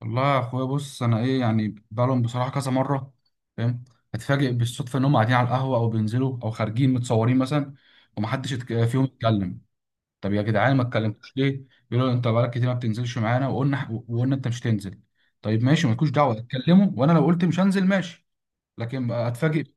والله يا اخويا، بص انا ايه يعني بقالهم بصراحه كذا مره. فاهم؟ اتفاجئ بالصدفه ان هم قاعدين على القهوه او بينزلوا او خارجين متصورين مثلا، ومحدش فيهم يتكلم. طب يا جدعان، ما اتكلمتوش ليه؟ يقولوا انت بقالك كتير ما بتنزلش معانا، وقلنا وقلنا انت مش تنزل. طيب ماشي، مالكوش دعوه اتكلموا، وانا لو قلت مش هنزل ماشي. لكن اتفاجئ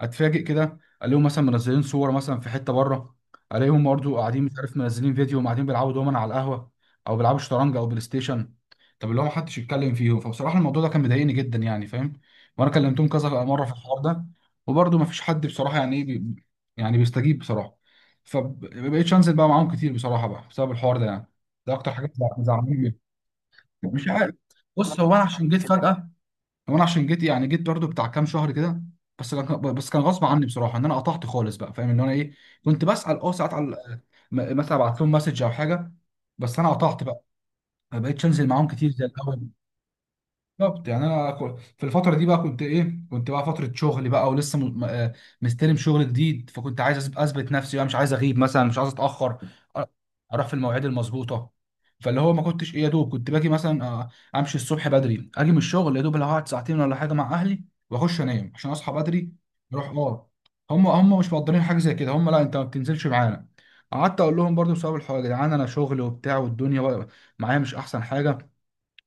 اتفاجئ كده الاقيهم مثلا منزلين صور مثلا في حته بره. الاقيهم برضه قاعدين، مش عارف، منزلين فيديو وقاعدين بيلعبوا دومنا على القهوه او بيلعبوا شطرنج او بلاي ستيشن. طب اللي هو محدش يتكلم فيهم، فبصراحه الموضوع ده كان مضايقني جدا يعني. فاهم؟ وانا كلمتهم كذا مره في الحوار ده، وبرضه مفيش حد بصراحه، يعني ايه، يعني بيستجيب بصراحه. فبقيتش انزل بقى معاهم كتير بصراحه بقى بسبب الحوار ده يعني. ده اكتر حاجه مزعلاني. مش عارف. بص هو انا عشان جيت فجاه، وانا عشان جيت، يعني جيت برضو بتاع كام شهر كده. بس كان غصب عني بصراحه ان انا قطعت خالص بقى. فاهم ان انا ايه؟ كنت بسال ساعات على مثلا ابعت لهم مسج او حاجه. بس انا قطعت بقى، ما بقتش انزل معاهم كتير زي الاول. بالظبط، يعني انا في الفتره دي بقى كنت ايه، كنت بقى فتره شغل بقى، ولسه مستلم شغل جديد، فكنت عايز اثبت نفسي بقى، مش عايز اغيب مثلا، مش عايز اتاخر، أ- اروح في المواعيد المظبوطه. فاللي هو ما كنتش ايه، يا دوب كنت باجي مثلا امشي الصبح بدري، اجي من الشغل يا دوب اللي هقعد ساعتين ولا حاجه مع اهلي، واخش انام عشان اصحى بدري. اروح، اه. هم مش مقدرين حاجه زي كده. هم: لا انت ما بتنزلش معانا. قعدت اقول لهم برضو بسبب الحوار، يا جدعان انا شغل وبتاع والدنيا بقى معايا مش احسن حاجه،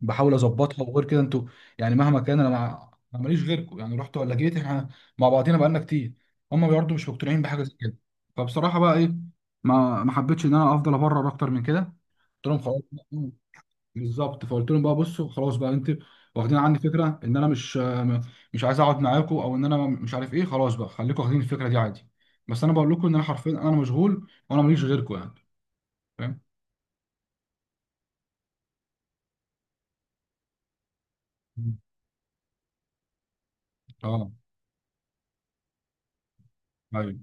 بحاول اظبطها، وغير كده انتوا يعني مهما كان انا مع أنا ماليش غيركم، يعني رحت ولا جيت، احنا مع بعضينا بقالنا كتير. هم برضه مش مقتنعين بحاجه زي كده. فبصراحه بقى ايه، ما حبيتش ان انا افضل ابرر اكتر من كده. قلت لهم خلاص بالظبط. فقلت لهم بقى بصوا، خلاص بقى انت واخدين عني فكره ان انا مش مش عايز اقعد معاكم، او ان انا مش عارف ايه. خلاص بقى خليكم واخدين الفكره دي عادي. بس انا بقول لكم ان انا حرفيا انا مشغول وانا ماليش غيركم يعني. فاهم؟ مم. اه، ايوه.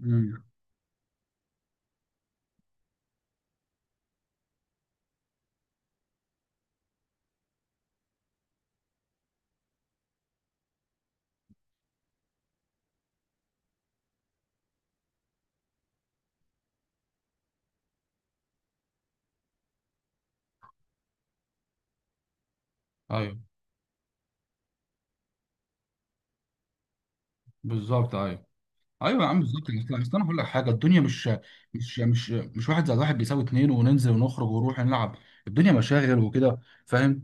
مم. ايوه بالظبط. ايوه، ايوه يا عم، بالظبط. أصل انا هقول لك حاجه. الدنيا مش واحد زائد واحد بيساوي اتنين، وننزل ونخرج ونروح نلعب. الدنيا مشاغل وكده. فاهم؟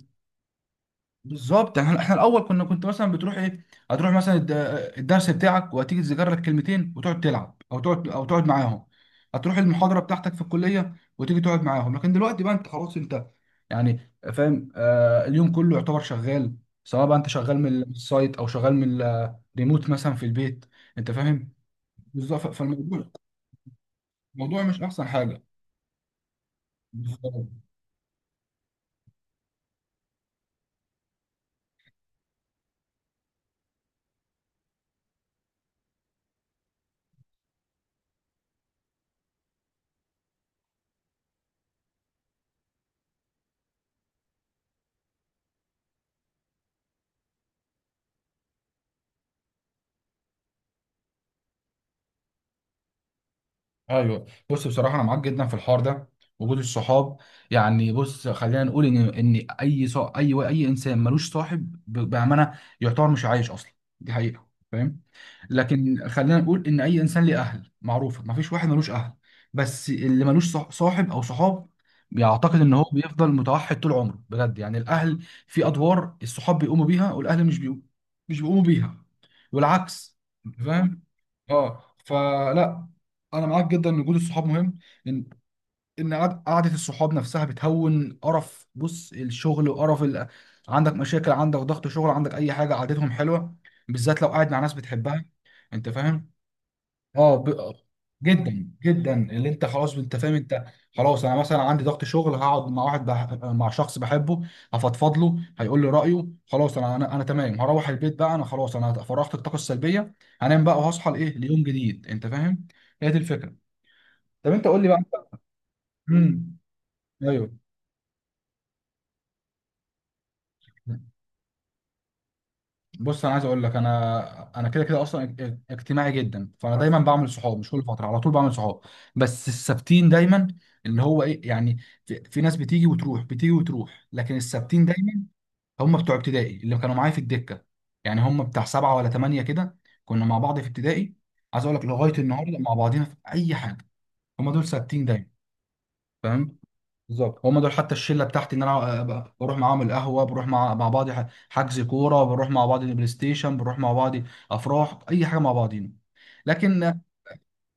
بالظبط. احنا الاول كنت مثلا بتروح ايه، هتروح مثلا الدرس بتاعك، وهتيجي تذاكر لك كلمتين، وتقعد تلعب او تقعد معاهم. هتروح المحاضره بتاعتك في الكليه وتيجي تقعد معاهم، لكن دلوقتي بقى انت خلاص يعني فاهم، اليوم كله يعتبر شغال، سواء بقى انت شغال من السايت او شغال من الريموت مثلا في البيت. انت فاهم؟ بالظبط. الموضوع مش احسن حاجه. بالظبط. ايوه بص بصراحه، انا معاك جدا في الحوار ده. وجود الصحاب، يعني بص خلينا نقول ان اي اي انسان ملوش صاحب بامانه يعتبر مش عايش اصلا. دي حقيقه، فاهم؟ لكن خلينا نقول ان اي انسان ليه اهل، معروفه مفيش واحد ملوش اهل. بس اللي ملوش صاحب او صحاب، يعتقد ان هو بيفضل متوحد طول عمره، بجد يعني. الاهل في ادوار الصحاب بيقوموا بيها والاهل مش بيقوموا بيها، والعكس. فاهم؟ اه، فلا، انا معاك جدا ان وجود الصحاب مهم، ان قعده الصحاب نفسها بتهون قرف. بص الشغل وقرف عندك مشاكل، عندك ضغط شغل، عندك اي حاجه، قعدتهم حلوه، بالذات لو قاعد مع ناس بتحبها. انت فاهم؟ اه ب... جدا جدا، اللي انت خلاص، انت فاهم انت. خلاص، انا مثلا عندي ضغط شغل، هقعد مع واحد مع شخص بحبه، هفضفض له، هيقول لي رايه، خلاص انا تمام، هروح البيت بقى، انا خلاص فرغت الطاقه السلبيه، هنام بقى وهصحى ليوم جديد. انت فاهم؟ هي دي الفكره. طب انت قول لي بقى. امم ايوه. بص انا عايز اقول لك، انا كده كده اصلا اجتماعي جدا، فانا دايما بعمل صحاب، مش كل فتره، على طول بعمل صحاب، بس الثابتين دايما، اللي هو ايه يعني، في ناس بتيجي وتروح بتيجي وتروح، لكن الثابتين دايما هم بتوع ابتدائي اللي كانوا معايا في الدكه. يعني هم بتاع سبعه ولا ثمانيه كده، كنا مع بعض في ابتدائي. عايز اقول لك لغايه النهارده مع بعضينا في اي حاجه. هم دول ثابتين دايما. فاهم؟ بالظبط. هم دول حتى الشله بتاعتي ان انا بروح معاهم القهوه، بروح مع بعض حجز كوره، بروح مع بعض البلاي ستيشن، بروح مع بعض افراح، اي حاجه مع بعضين. لكن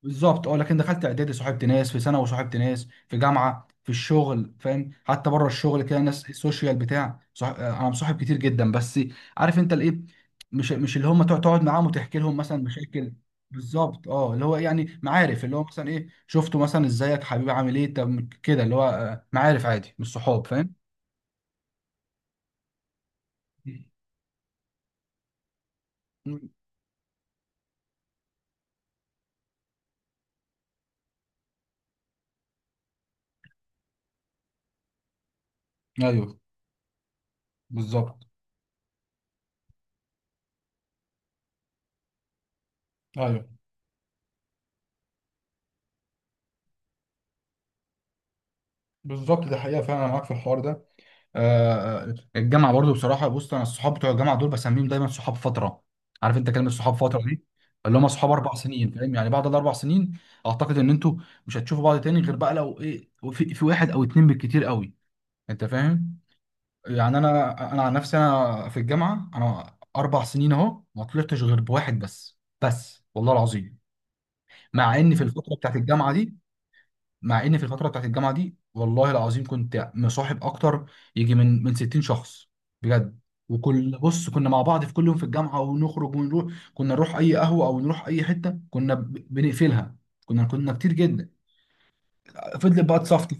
بالظبط، اه. لكن دخلت اعدادي صاحبت ناس، في ثانوي صاحبت ناس، في جامعه، في الشغل، فاهم، حتى بره الشغل كده ناس السوشيال بتاع انا مصاحب كتير جدا، بس عارف انت الايه، مش اللي هم تقعد معاهم وتحكي لهم مثلا مشاكل. بالظبط، اه. اللي هو يعني معارف، اللي هو مثلا ايه، شفته مثلا ازيك حبيبي عامل ايه، طب كده اللي هو معارف عادي مش صحاب. فاهم؟ مم. ايوه بالظبط. ايوه بالظبط، دي حقيقه فعلا. انا معاك في الحوار ده. الجامعه برضو بصراحه. بص انا الصحاب بتوع الجامعه دول بسميهم دايما صحاب فتره. عارف انت كلمه صحاب فتره دي؟ اللي هم صحاب 4 سنين، فاهم، يعني بعد الاربع سنين اعتقد ان انتوا مش هتشوفوا بعض تاني، غير بقى لو ايه، في واحد او اتنين بالكتير قوي. انت فاهم. يعني انا عن نفسي، انا في الجامعه انا 4 سنين اهو ما طلعتش غير بواحد، بس بس والله العظيم. مع ان في الفتره بتاعت الجامعه دي مع ان في الفتره بتاعت الجامعه دي والله العظيم كنت مصاحب اكتر، يجي من 60 شخص، بجد. بص كنا مع بعض في كل يوم في الجامعه، ونخرج ونروح، كنا نروح اي قهوه او نروح اي حته كنا بنقفلها. كنا كتير جدا. فضلت بقى تصفصف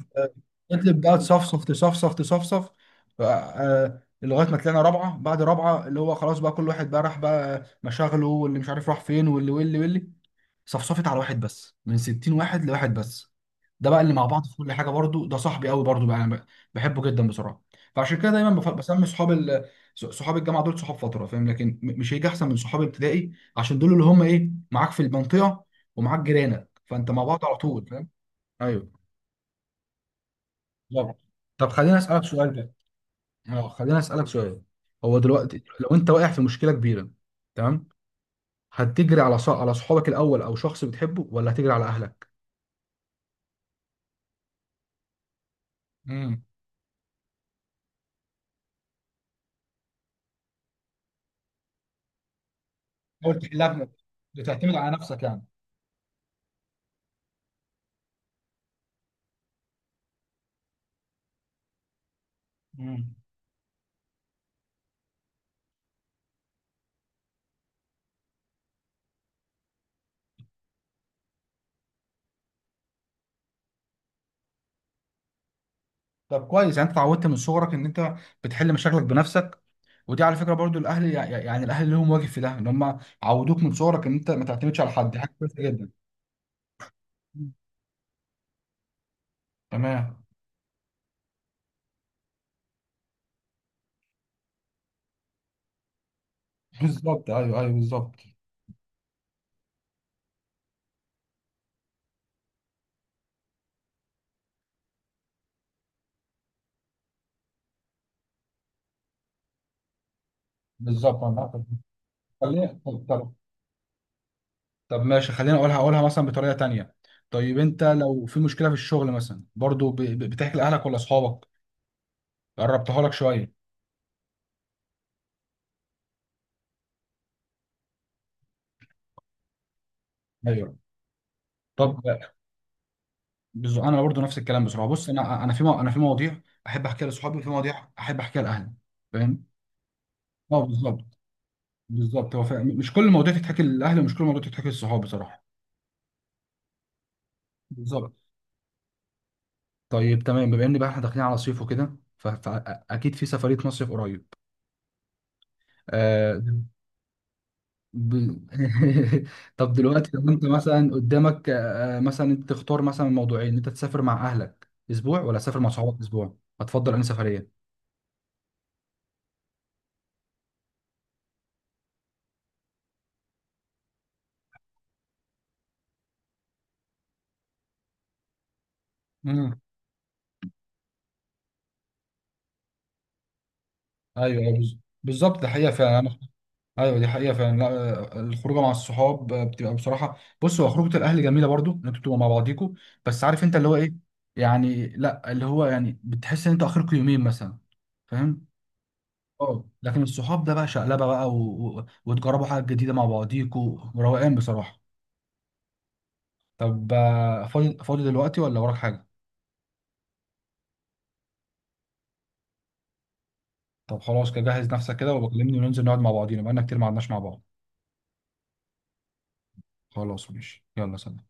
فضلت بقى تصفصف تصفصف تصفصف، لغايه ما طلعنا رابعه. بعد رابعه اللي هو خلاص بقى، كل واحد بقى راح بقى مشاغله، واللي مش عارف راح فين، واللي واللي واللي، صفصفت على واحد بس، من 60 واحد لواحد بس. ده بقى اللي مع بعض في كل حاجه برضو، ده صاحبي قوي برضو بقى، انا بحبه جدا بصراحه. فعشان كده دايما بسمي صحاب صحاب الجامعه دول صحاب فتره، فاهم، لكن مش هيجي احسن من صحاب ابتدائي. عشان دول اللي هم ايه، معاك في المنطقه ومعاك جيرانك، فانت مع بعض على طول. فاهم؟ ايوه. بالظبط. طب خليني اسالك سؤال بقى، اه خليني اسالك سؤال هو دلوقتي لو انت واقع في مشكله كبيره، تمام؟ هتجري على على صحابك الاول او شخص بتحبه، ولا هتجري على اهلك؟ حاول تحلها بنفسك. بتعتمد على نفسك يعني. مم. طب كويس، يعني انت اتعودت من صغرك ان انت بتحل مشاكلك بنفسك. ودي على فكره برضو. الاهل يعني الاهل لهم واجب في ده، ان هم عودوك من صغرك ان انت ما تعتمدش على حد. دي حاجه كويسه جدا. مم. تمام. بالظبط، ايوه، ايوه، بالظبط. بالظبط انا عارف. خليني، طب. ماشي، خليني اقولها مثلا بطريقه تانيه. طيب، انت لو في مشكله في الشغل مثلا برضو بتحكي لاهلك ولا اصحابك؟ قربتها لك شويه. ايوه. طب انا برضو نفس الكلام بصراحه. بص انا في انا في مواضيع احب احكيها لاصحابي، وفي مواضيع احب احكيها لاهلي. فاهم؟ اه، بالظبط. بالظبط، هو فاهم مش كل المواضيع تتحكي للاهل، ومش كل المواضيع تتحكي للصحاب بصراحه. بالظبط. طيب تمام، بما ان بقى احنا داخلين على صيف وكده، فاكيد في سفريه مصيف قريب. آه ب... طب دلوقتي لو انت مثلا قدامك مثلا انت تختار مثلا موضوعين: انت تسافر مع اهلك اسبوع ولا تسافر مع صحابك اسبوع؟ هتفضل انهي سفريه؟ امم ايوه، أيوة، بالظبط بالظبط، ده حقيقه فعلا. ايوه دي حقيقه فعلا، لا. الخروجه مع الصحاب بتبقى بصراحه. بص هو خروجه الاهل جميله برضو ان انتوا بتبقوا مع بعضيكوا، بس عارف انت اللي هو ايه يعني؟ لا، اللي هو يعني بتحس ان انت اخركوا يومين مثلا، فاهم. اه، لكن الصحاب ده بقى شقلبه بقى وتجربوا حاجه جديده مع بعضيكوا، روقان بصراحه. طب فاضي فاضي دلوقتي ولا وراك حاجه؟ طب خلاص، كده جهز نفسك كده وبكلمني وننزل نقعد مع بعضينا بقالنا كتير ما قعدناش مع بعض. خلاص ماشي، يلا سلام.